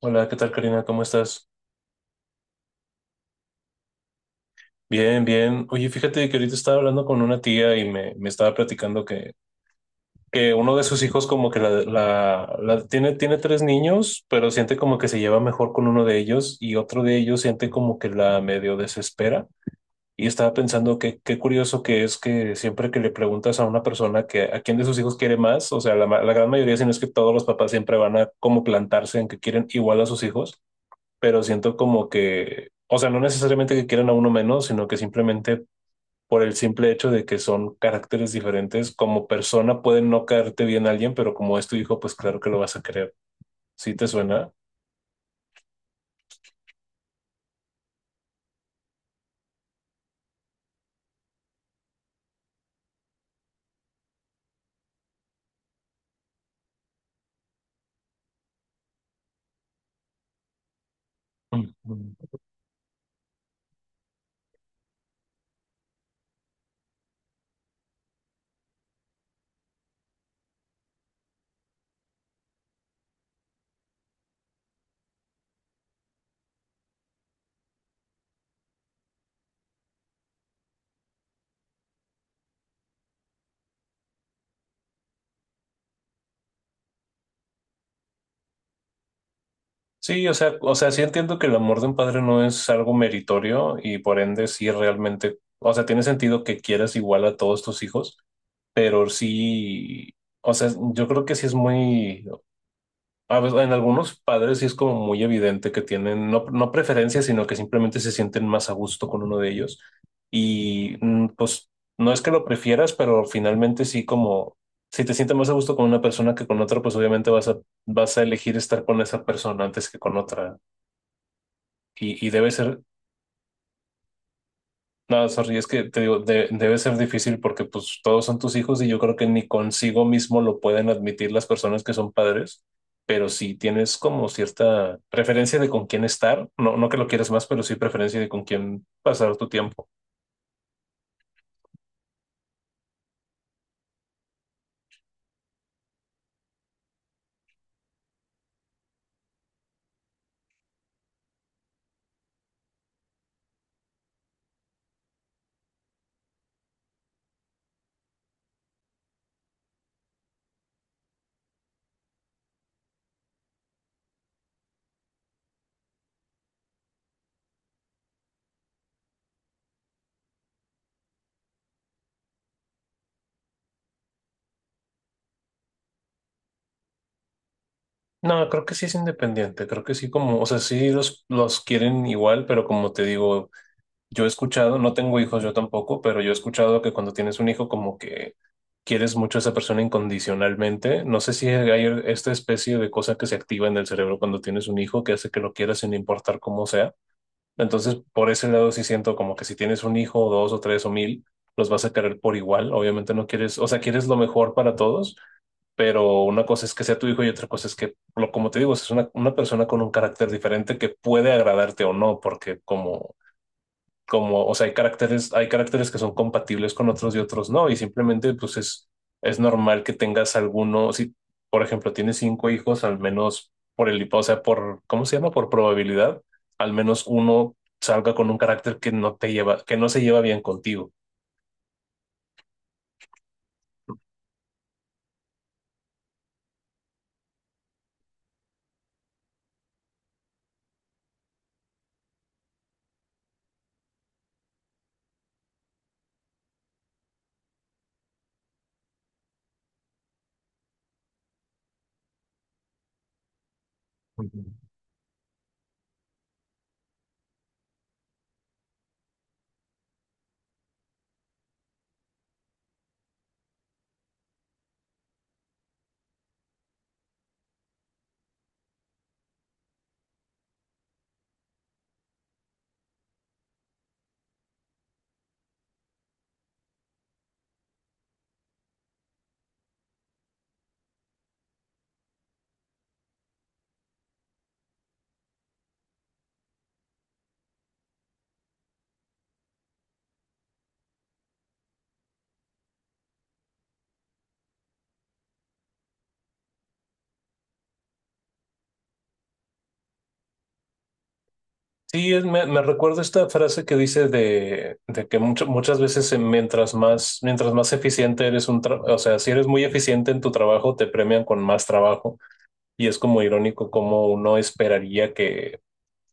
Hola, ¿qué tal, Karina? ¿Cómo estás? Bien, bien. Oye, fíjate que ahorita estaba hablando con una tía y me estaba platicando que uno de sus hijos como que tiene tres niños, pero siente como que se lleva mejor con uno de ellos y otro de ellos siente como que la medio desespera. Y estaba pensando que qué curioso que es que siempre que le preguntas a una persona que a quién de sus hijos quiere más, o sea, la gran mayoría, si no es que todos los papás siempre van a como plantarse en que quieren igual a sus hijos. Pero siento como que, o sea, no necesariamente que quieran a uno menos, sino que simplemente por el simple hecho de que son caracteres diferentes, como persona puede no caerte bien a alguien, pero como es tu hijo, pues claro que lo vas a querer. ¿Sí te suena? Ujú. Sí, o sea, sí entiendo que el amor de un padre no es algo meritorio y por ende sí realmente, o sea, tiene sentido que quieras igual a todos tus hijos, pero sí, o sea, yo creo que sí es muy, a veces, en algunos padres sí es como muy evidente que tienen no preferencias, sino que simplemente se sienten más a gusto con uno de ellos. Y pues no es que lo prefieras, pero finalmente sí como si te sientes más a gusto con una persona que con otra, pues obviamente vas a elegir estar con esa persona antes que con otra. Y debe ser no, sorry, es que te digo, debe ser difícil porque pues todos son tus hijos y yo creo que ni consigo mismo lo pueden admitir las personas que son padres, pero si tienes como cierta preferencia de con quién estar, no que lo quieras más, pero sí preferencia de con quién pasar tu tiempo. No, creo que sí es independiente, creo que sí como, o sea, sí los quieren igual, pero como te digo, yo he escuchado, no tengo hijos yo tampoco, pero yo he escuchado que cuando tienes un hijo como que quieres mucho a esa persona incondicionalmente. No sé si hay esta especie de cosa que se activa en el cerebro cuando tienes un hijo que hace que lo quieras sin importar cómo sea. Entonces, por ese lado sí siento como que si tienes un hijo, o dos o tres o mil, los vas a querer por igual. Obviamente no quieres, o sea, quieres lo mejor para todos, pero una cosa es que sea tu hijo y otra cosa es que, lo, como te digo, es una persona con un carácter diferente que puede agradarte o no, porque o sea, hay caracteres que son compatibles con otros y otros no, y simplemente pues es normal que tengas alguno, si por ejemplo tienes cinco hijos, al menos por el, o sea, por, ¿cómo se llama? Por probabilidad, al menos uno salga con un carácter que no te lleva, que no se lleva bien contigo. Ujú. Sí, me recuerdo esta frase que dice de que muchas veces mientras más eficiente eres un o sea, si eres muy eficiente en tu trabajo, te premian con más trabajo. Y es como irónico como uno esperaría que,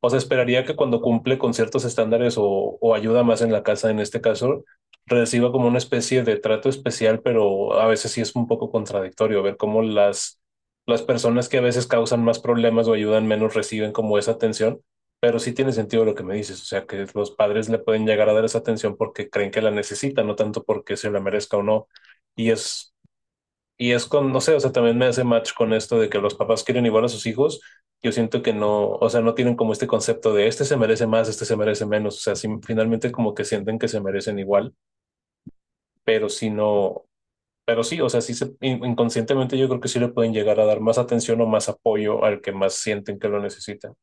o sea, esperaría que cuando cumple con ciertos estándares o ayuda más en la casa, en este caso, reciba como una especie de trato especial, pero a veces sí es un poco contradictorio ver cómo las personas que a veces causan más problemas o ayudan menos reciben como esa atención. Pero sí tiene sentido lo que me dices, o sea, que los padres le pueden llegar a dar esa atención porque creen que la necesitan, no tanto porque se la merezca o no. Y es y es con, no sé, o sea, también me hace match con esto de que los papás quieren igual a sus hijos. Yo siento que no, o sea, no tienen como este concepto de este se merece más, este se merece menos. O sea, sí, finalmente como que sienten que se merecen igual, pero si no, pero sí, o sea, sí se, inconscientemente yo creo que sí le pueden llegar a dar más atención o más apoyo al que más sienten que lo necesitan.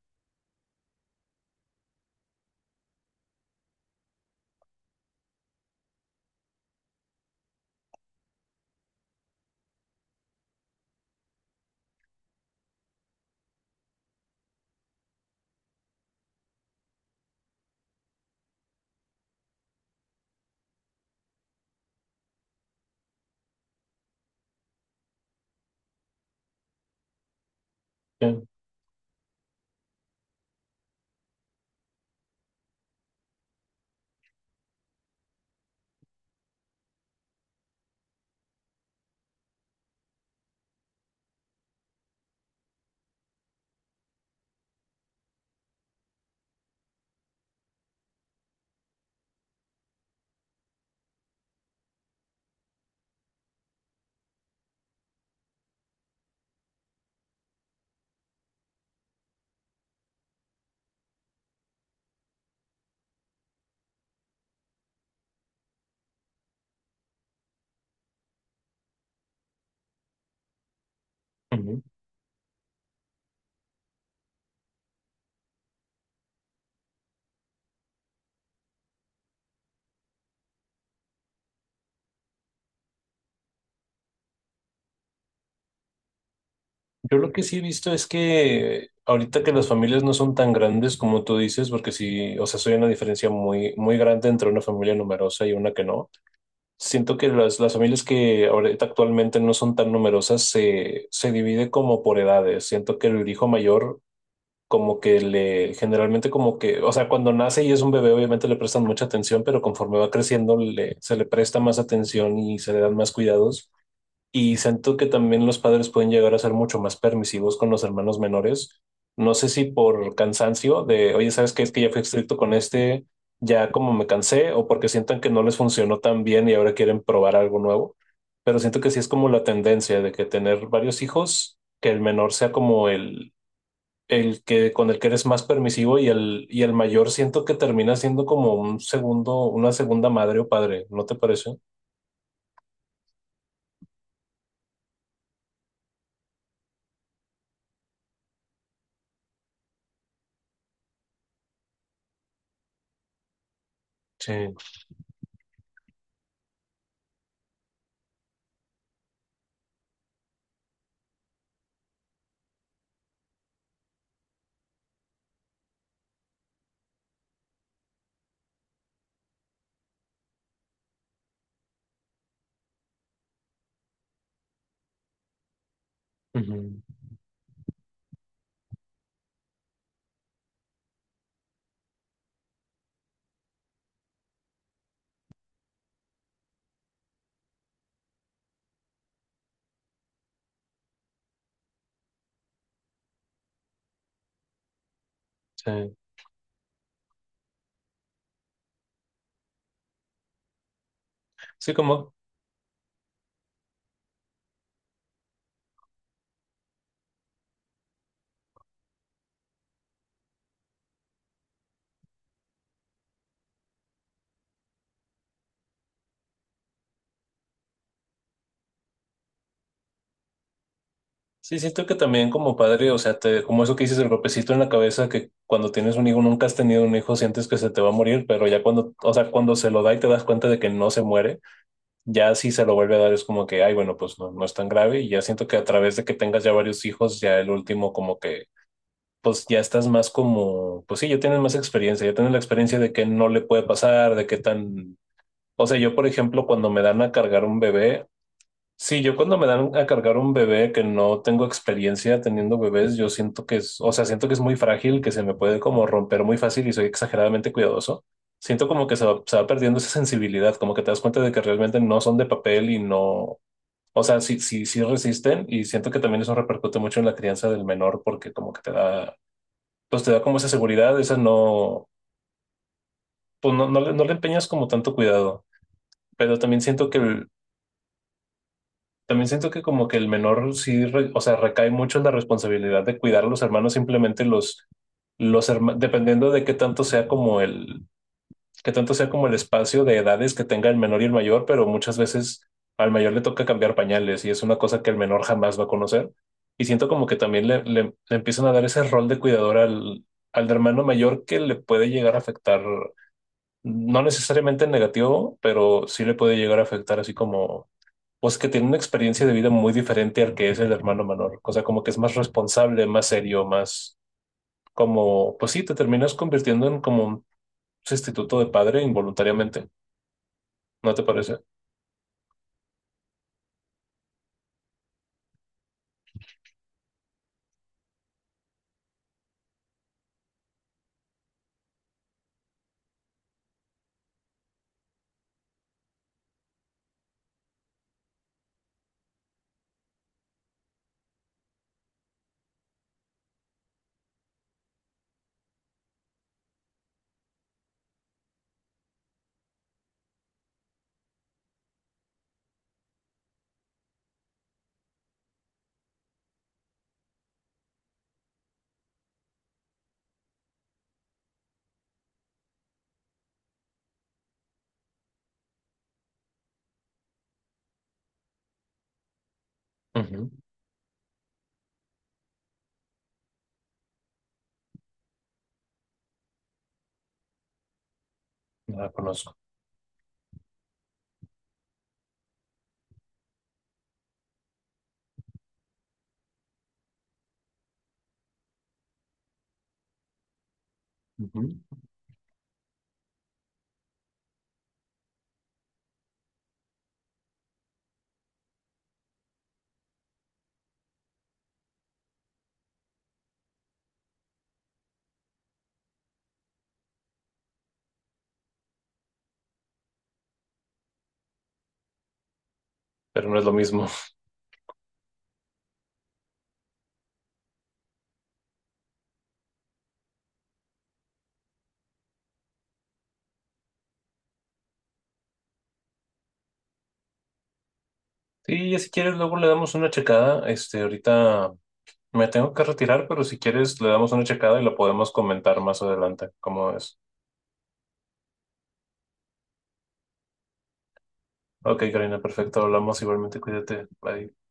Sí. Ujú. Yo lo que sí he visto es que ahorita que las familias no son tan grandes como tú dices, porque sí, o sea, soy una diferencia muy grande entre una familia numerosa y una que no. Siento que las familias que ahorita actualmente no son tan numerosas se divide como por edades. Siento que el hijo mayor como que le generalmente como que, o sea, cuando nace y es un bebé obviamente le prestan mucha atención, pero conforme va creciendo le, se le presta más atención y se le dan más cuidados. Y siento que también los padres pueden llegar a ser mucho más permisivos con los hermanos menores. No sé si por cansancio de, oye, ¿sabes qué? Es que ya fui estricto con este, ya como me cansé, o porque sientan que no les funcionó tan bien y ahora quieren probar algo nuevo. Pero siento que sí es como la tendencia de que tener varios hijos, que el menor sea como el que con el que eres más permisivo y el mayor siento que termina siendo como un segundo, una segunda madre o padre, ¿no te parece? Sí. Ujú. Sí. Sí, como sí, siento que también como padre, o sea, te, como eso que dices, el golpecito en la cabeza, que cuando tienes un hijo, nunca has tenido un hijo, sientes que se te va a morir, pero ya cuando, o sea, cuando se lo da y te das cuenta de que no se muere, ya si se lo vuelve a dar es como que, ay, bueno, pues no, no es tan grave y ya siento que a través de que tengas ya varios hijos, ya el último como que, pues ya estás más como, pues sí, ya tienes más experiencia, ya tienes la experiencia de que no le puede pasar, de qué tan... O sea, yo, por ejemplo, cuando me dan a cargar un bebé, sí, yo cuando me dan a cargar un bebé que no tengo experiencia teniendo bebés, yo siento que es, o sea, siento que es muy frágil, que se me puede como romper muy fácil y soy exageradamente cuidadoso. Siento como que se va perdiendo esa sensibilidad, como que te das cuenta de que realmente no son de papel y no, o sea, sí resisten y siento que también eso repercute mucho en la crianza del menor porque como que te da, pues te da como esa seguridad, esa no, pues no, no le empeñas como tanto cuidado, pero también siento que también siento que como que el menor sí, o sea, recae mucho en la responsabilidad de cuidar a los hermanos, simplemente los hermanos, dependiendo de qué tanto sea como el, qué tanto sea como el espacio de edades que tenga el menor y el mayor, pero muchas veces al mayor le toca cambiar pañales y es una cosa que el menor jamás va a conocer. Y siento como que también le empiezan a dar ese rol de cuidador al, al hermano mayor que le puede llegar a afectar, no necesariamente en negativo, pero sí le puede llegar a afectar así como pues que tiene una experiencia de vida muy diferente al que es el hermano menor. O sea, como que es más responsable, más serio, más como, pues sí, te terminas convirtiendo en como un sustituto de padre involuntariamente, ¿no te parece? Ujú. No la conozco, ujú. Pero no es lo mismo. Sí, ya si quieres, luego le damos una checada. Este, ahorita me tengo que retirar, pero si quieres, le damos una checada y la podemos comentar más adelante, ¿cómo es? Ok, Karina, perfecto, hablamos igualmente, cuídate, bye.